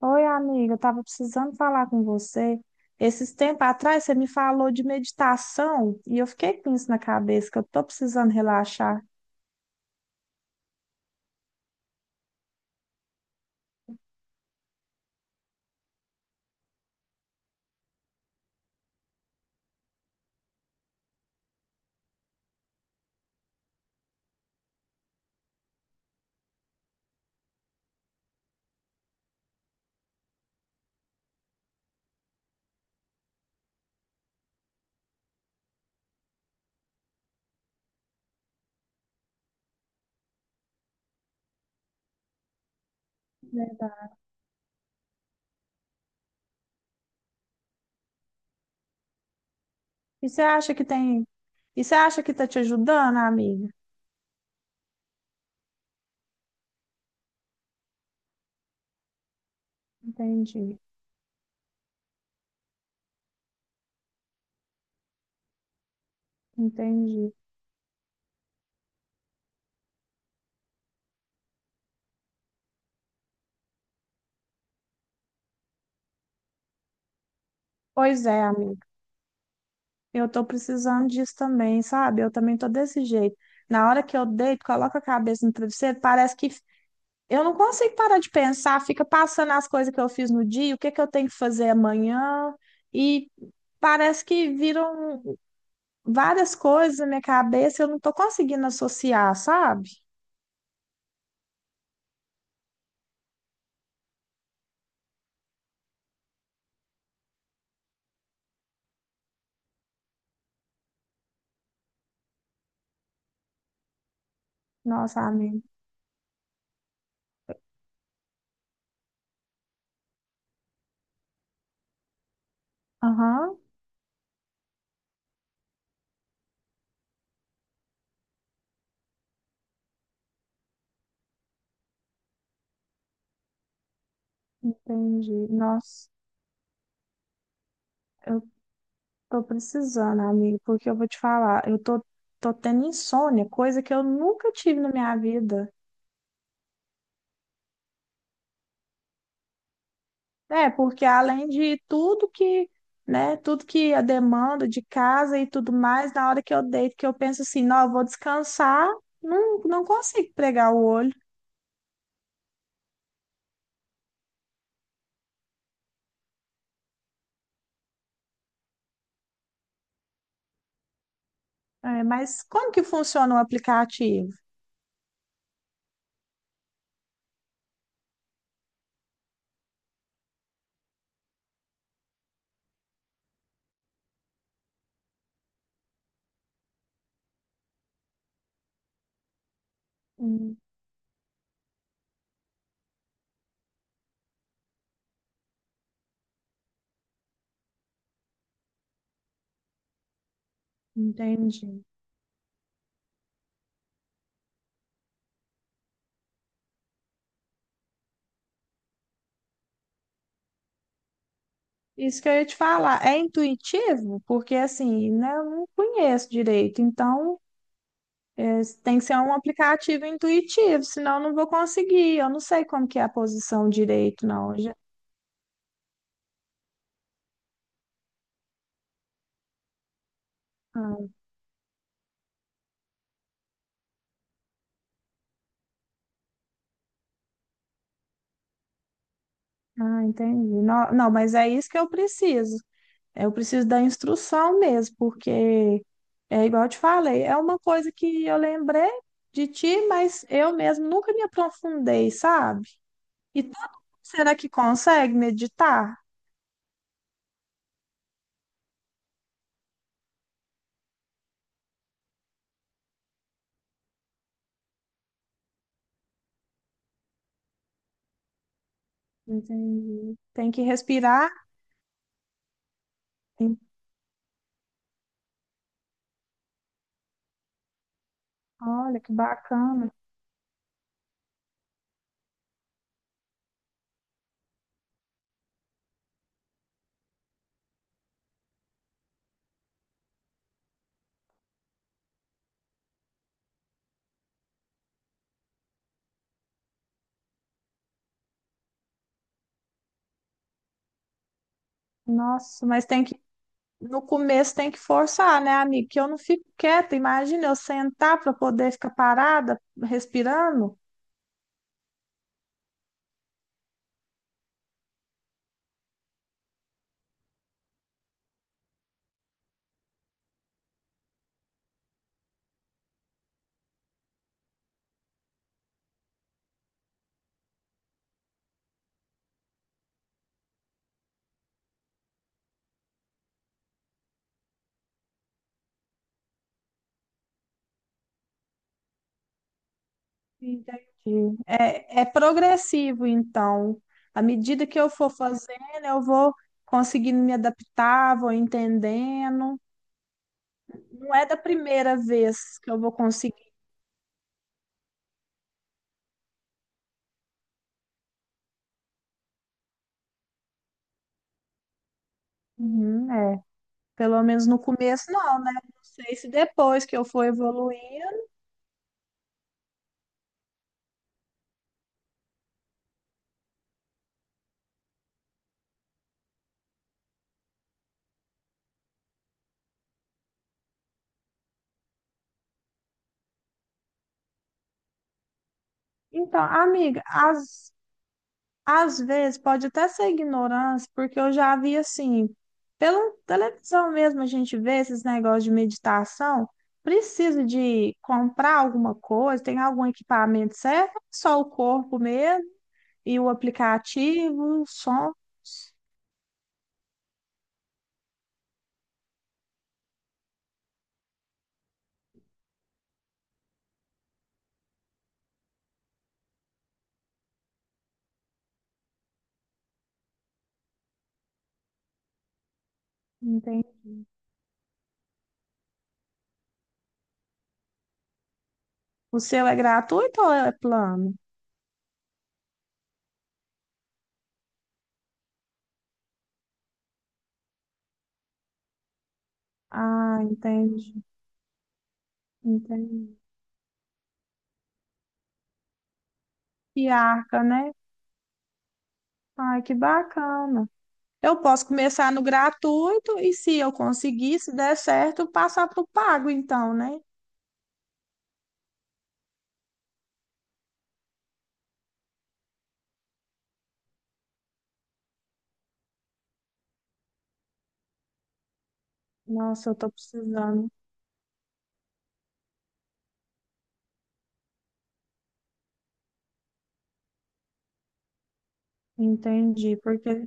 Oi, amiga, eu estava precisando falar com você. Esses tempos atrás você me falou de meditação e eu fiquei com isso na cabeça, que eu estou precisando relaxar. Né? E você acha que tem. E você acha que está te ajudando, amiga? Entendi, entendi. Pois é, amiga, eu tô precisando disso também, sabe? Eu também tô desse jeito. Na hora que eu deito, coloco a cabeça no travesseiro, parece que eu não consigo parar de pensar, fica passando as coisas que eu fiz no dia, o que que eu tenho que fazer amanhã, e parece que viram várias coisas na minha cabeça, eu não tô conseguindo associar, sabe? Nossa, amiga. Aham, entendi. Nossa, eu tô precisando, amigo, porque eu vou te falar, tô tendo insônia, coisa que eu nunca tive na minha vida. É, porque além de tudo que, né, tudo que a demanda de casa e tudo mais, na hora que eu deito, que eu penso assim, não, eu vou descansar, não consigo pregar o olho. É, mas como que funciona o aplicativo? Hum, entendi. Isso que eu ia te falar, é intuitivo? Porque assim, né, eu não conheço direito, então isso tem que ser um aplicativo intuitivo, senão eu não vou conseguir. Eu não sei como que é a posição direito, não. Já- Ah, ah, entendi. Não, não, mas é isso que eu preciso. Eu preciso da instrução mesmo, porque é igual eu te falei, é uma coisa que eu lembrei de ti, mas eu mesmo nunca me aprofundei, sabe? E todo mundo será que consegue meditar? Entendi. Tem que respirar. Sim. Olha, que bacana. Nossa, no começo tem que forçar, né, amigo? Que eu não fico quieta. Imagina eu sentar para poder ficar parada, respirando. Entendi. É, é progressivo, então. À medida que eu for fazendo, eu vou conseguindo me adaptar, vou entendendo. Não é da primeira vez que eu vou conseguir. Uhum, é. Pelo menos no começo, não, né? Não sei se depois que eu for evoluindo. Então, amiga, as às vezes pode até ser ignorância, porque eu já vi assim, pela televisão mesmo a gente vê esses negócios de meditação, precisa de comprar alguma coisa, tem algum equipamento certo, só o corpo mesmo e o aplicativo, o som, entende? O seu é gratuito ou é plano? Ah, entendi, entendi. E arca, né? Ai, que bacana. Eu posso começar no gratuito e se eu conseguir, se der certo, passar para o pago, então, né? Nossa, eu tô precisando. Entendi, porque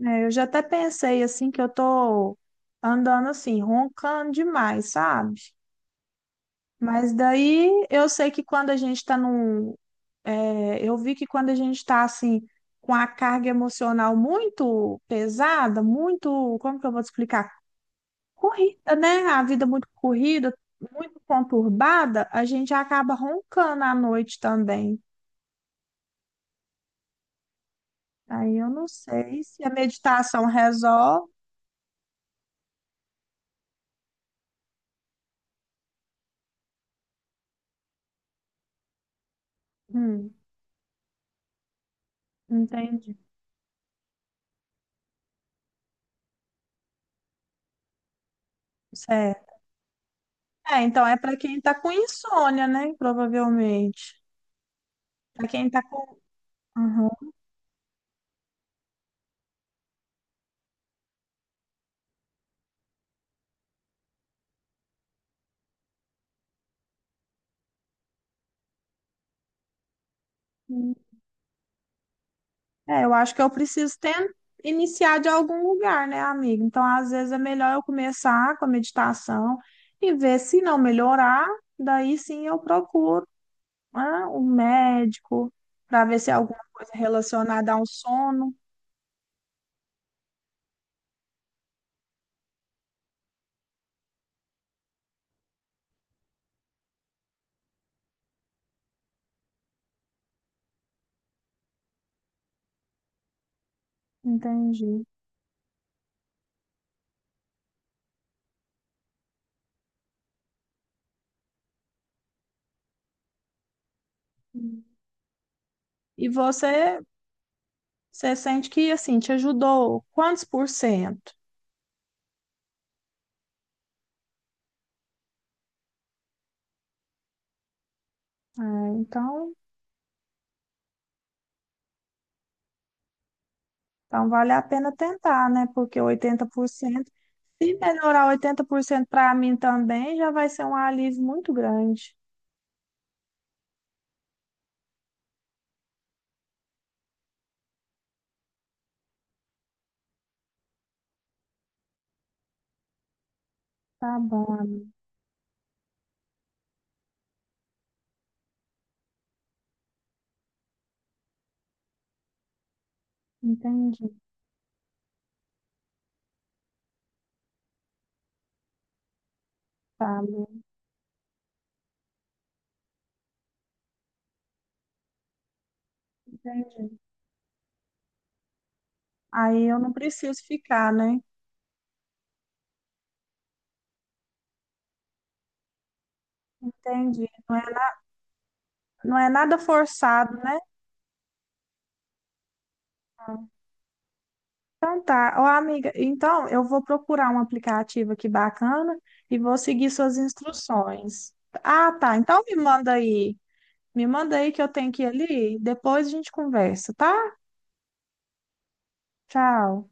é, eu já até pensei assim que eu tô andando assim, roncando demais, sabe? Mas daí eu sei que quando a gente tá num. É, eu vi que quando a gente tá assim, com a carga emocional muito pesada, muito. Como que eu vou te explicar? Corrida, né? A vida muito corrida, muito conturbada, a gente acaba roncando à noite também. Aí eu não sei se a meditação resolve. Hum, entendi. Certo. É, então é para quem tá com insônia, né? Provavelmente. Para quem tá com. Uhum. É, eu acho que eu preciso ten- iniciar de algum lugar, né, amiga? Então, às vezes é melhor eu começar com a meditação e ver se não melhorar, daí sim eu procuro. Ah, o médico, para ver se é alguma coisa relacionada ao sono. Entendi. E você, você sente que assim te ajudou quantos por cento? Ah, então, então vale a pena tentar, né? Porque 80%, se melhorar 80% para mim também, já vai ser um alívio muito grande. Tá bom, amiga. Entendi, tá bom, entendi. Aí eu não preciso ficar, né? Entendi. Não é nada forçado, né? Então tá, ó amiga, então eu vou procurar um aplicativo aqui bacana e vou seguir suas instruções. Ah, tá, me manda aí que eu tenho que ir ali, depois a gente conversa, tá? Tchau.